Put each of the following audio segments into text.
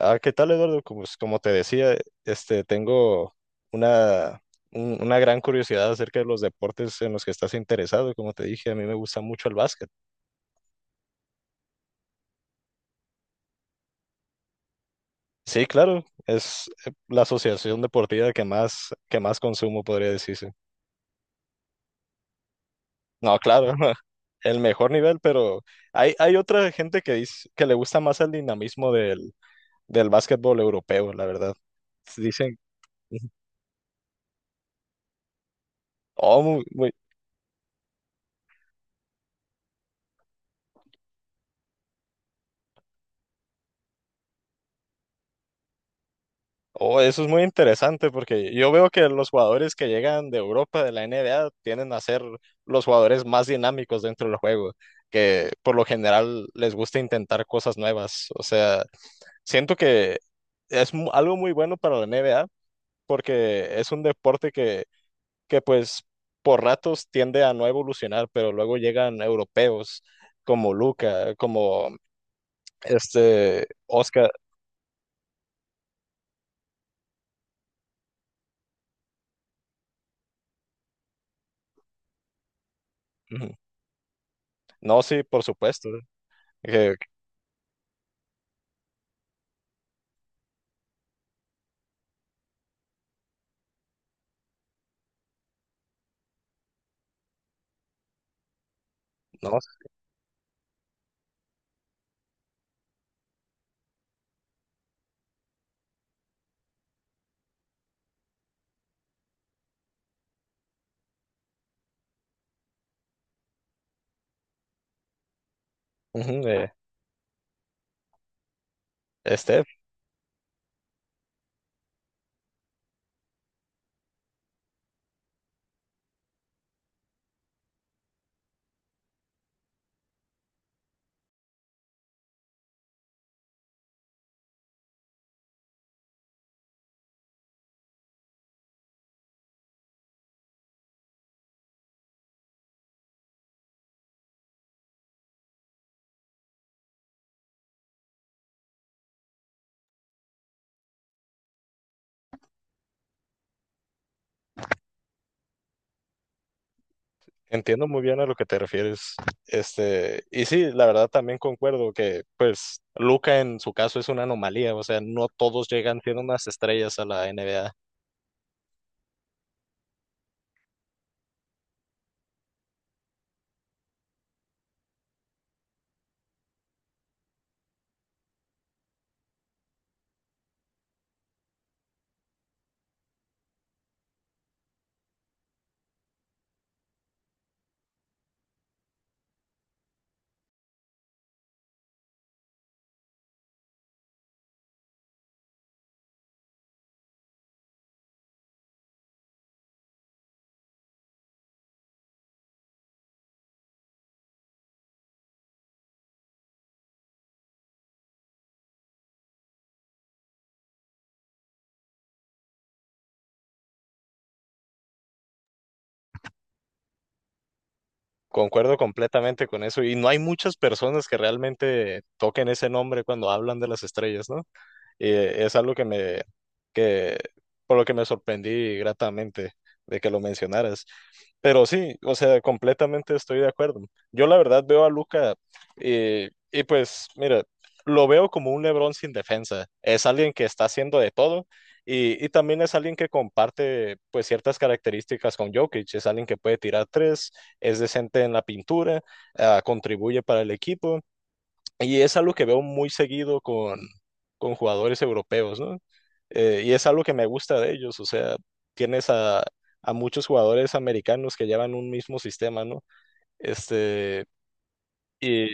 Ah, ¿qué tal, Eduardo? Como te decía, tengo una, una gran curiosidad acerca de los deportes en los que estás interesado. Como te dije, a mí me gusta mucho el básquet. Sí, claro, es la asociación deportiva que más consumo, podría decirse. No, claro, el mejor nivel, pero hay otra gente que dice que le gusta más el dinamismo del básquetbol europeo, la verdad. Dicen, oh, muy, oh, eso es muy interesante porque yo veo que los jugadores que llegan de Europa, de la NBA, tienden a ser los jugadores más dinámicos dentro del juego, que por lo general les gusta intentar cosas nuevas. O sea, siento que algo muy bueno para la NBA porque es un deporte que pues por ratos tiende a no evolucionar, pero luego llegan europeos como Luca, como este Oscar. Ujú. No, sí, por supuesto. Que- no, ujú, Este, entiendo muy bien a lo que te refieres. Y sí, la verdad también concuerdo que, pues, Luca en su caso es una anomalía, o sea, no todos llegan siendo unas estrellas a la NBA. Concuerdo completamente con eso, y no hay muchas personas que realmente toquen ese nombre cuando hablan de las estrellas, ¿no? Y es algo que que, por lo que me sorprendí gratamente de que lo mencionaras. Pero sí, o sea, completamente estoy de acuerdo. Yo la verdad veo a Luca pues, mira, lo veo como un LeBron sin defensa. Es alguien que está haciendo de todo también es alguien que comparte pues ciertas características con Jokic. Es alguien que puede tirar tres, es decente en la pintura, contribuye para el equipo y es algo que veo muy seguido con jugadores europeos, ¿no? Y es algo que me gusta de ellos, o sea, tienes a, a muchos jugadores americanos que llevan un mismo sistema, ¿no? Este, y,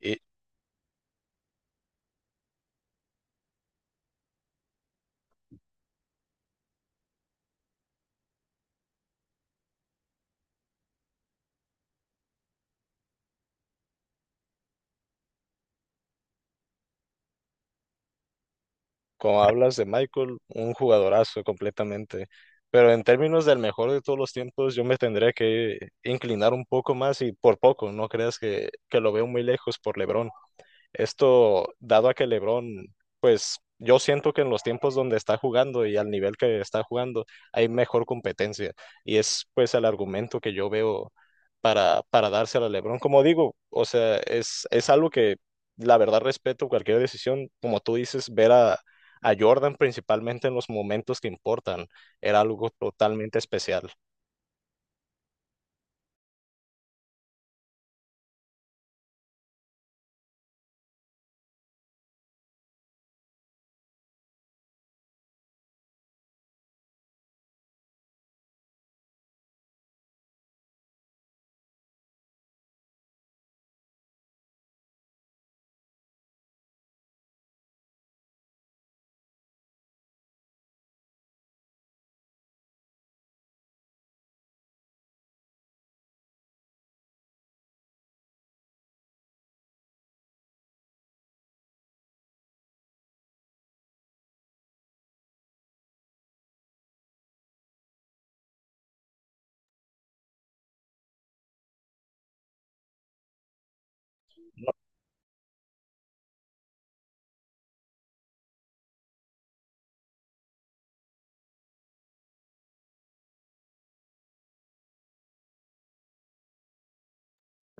y como hablas de Michael, un jugadorazo completamente. Pero en términos del mejor de todos los tiempos, yo me tendría que inclinar un poco más y por poco, no creas que lo veo muy lejos por LeBron. Esto dado a que LeBron, pues yo siento que en los tiempos donde está jugando y al nivel que está jugando hay mejor competencia. Y es pues el argumento que yo veo para dárselo a LeBron. Como digo, o sea, es algo que la verdad respeto cualquier decisión. Como tú dices, a Jordan principalmente en los momentos que importan era algo totalmente especial.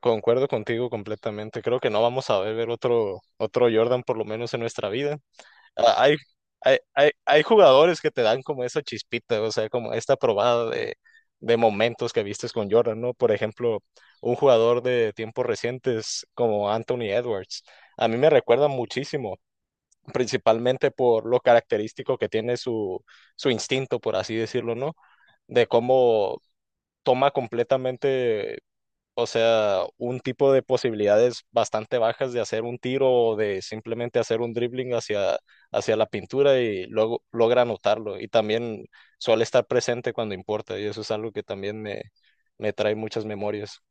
Concuerdo contigo completamente. Creo que no vamos a ver otro Jordan por lo menos en nuestra vida. Ah, Hay, hay jugadores que te dan como esa chispita, o sea, como esta probada de momentos que vistes con Jordan, ¿no? Por ejemplo, un jugador de tiempos recientes como Anthony Edwards, a mí me recuerda muchísimo, principalmente por lo característico que tiene su instinto, por así decirlo, ¿no? De cómo toma completamente o sea, un tipo de posibilidades bastante bajas de hacer un tiro o de simplemente hacer un dribbling hacia, hacia la pintura y luego logra anotarlo. Y también suele estar presente cuando importa. Y eso es algo que también me trae muchas memorias.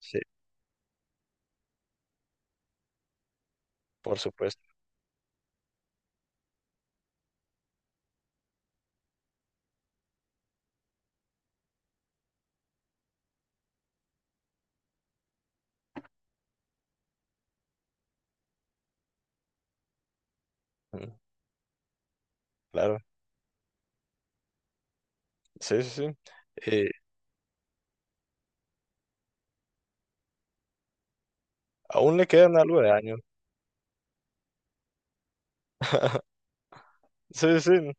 Sí, por supuesto. Mm. Claro. Sí, sí, sí. Eh, aún le quedan algo de años. Sí, sí.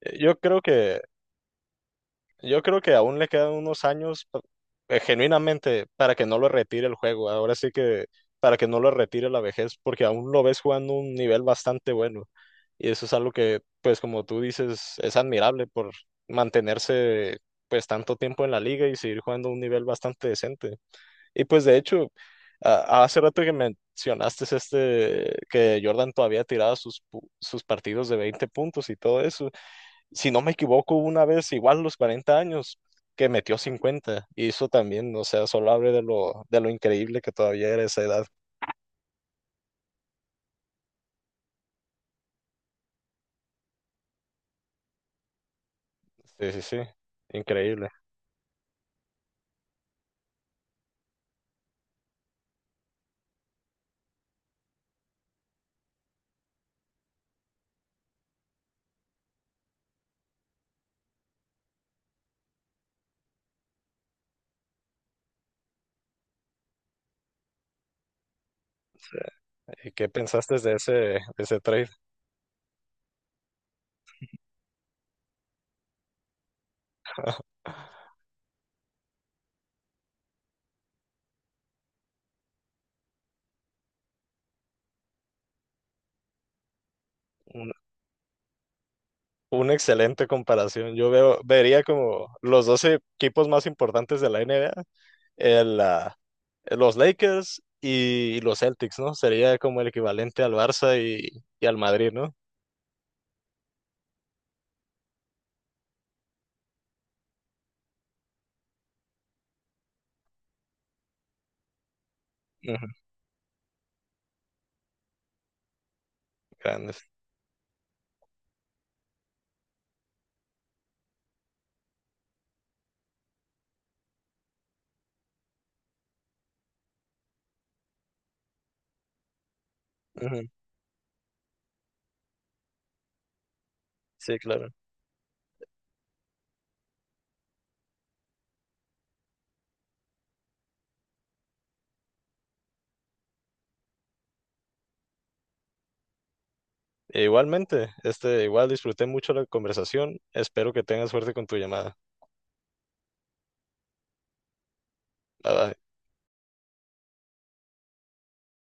Eh, Yo creo que Yo creo que aún le quedan unos años genuinamente para que no lo retire el juego. Ahora sí que para que no lo retire la vejez, porque aún lo ves jugando un nivel bastante bueno. Y eso es algo que, pues como tú dices, es admirable por mantenerse pues tanto tiempo en la liga y seguir jugando a un nivel bastante decente. Y pues de hecho, hace rato que mencionaste que Jordan todavía tiraba sus partidos de 20 puntos y todo eso si no me equivoco, una vez igual los 40 años que metió 50 y eso también, o sea, solo abre de lo increíble que todavía era esa edad. Sí, sí, sí, increíble. Sí. ¿Y qué pensaste de de ese trade? Un- Una excelente comparación. Yo veo, vería como los 12 equipos más importantes de la NBA, el, ah, los Lakers y, los Celtics, ¿no? Sería como el equivalente al Barça y al Madrid, ¿no? Ujú, grandes. Ujú, sí, claro. E igualmente, este, igual disfruté mucho la conversación. Espero que tengas suerte con tu llamada. Bye bye.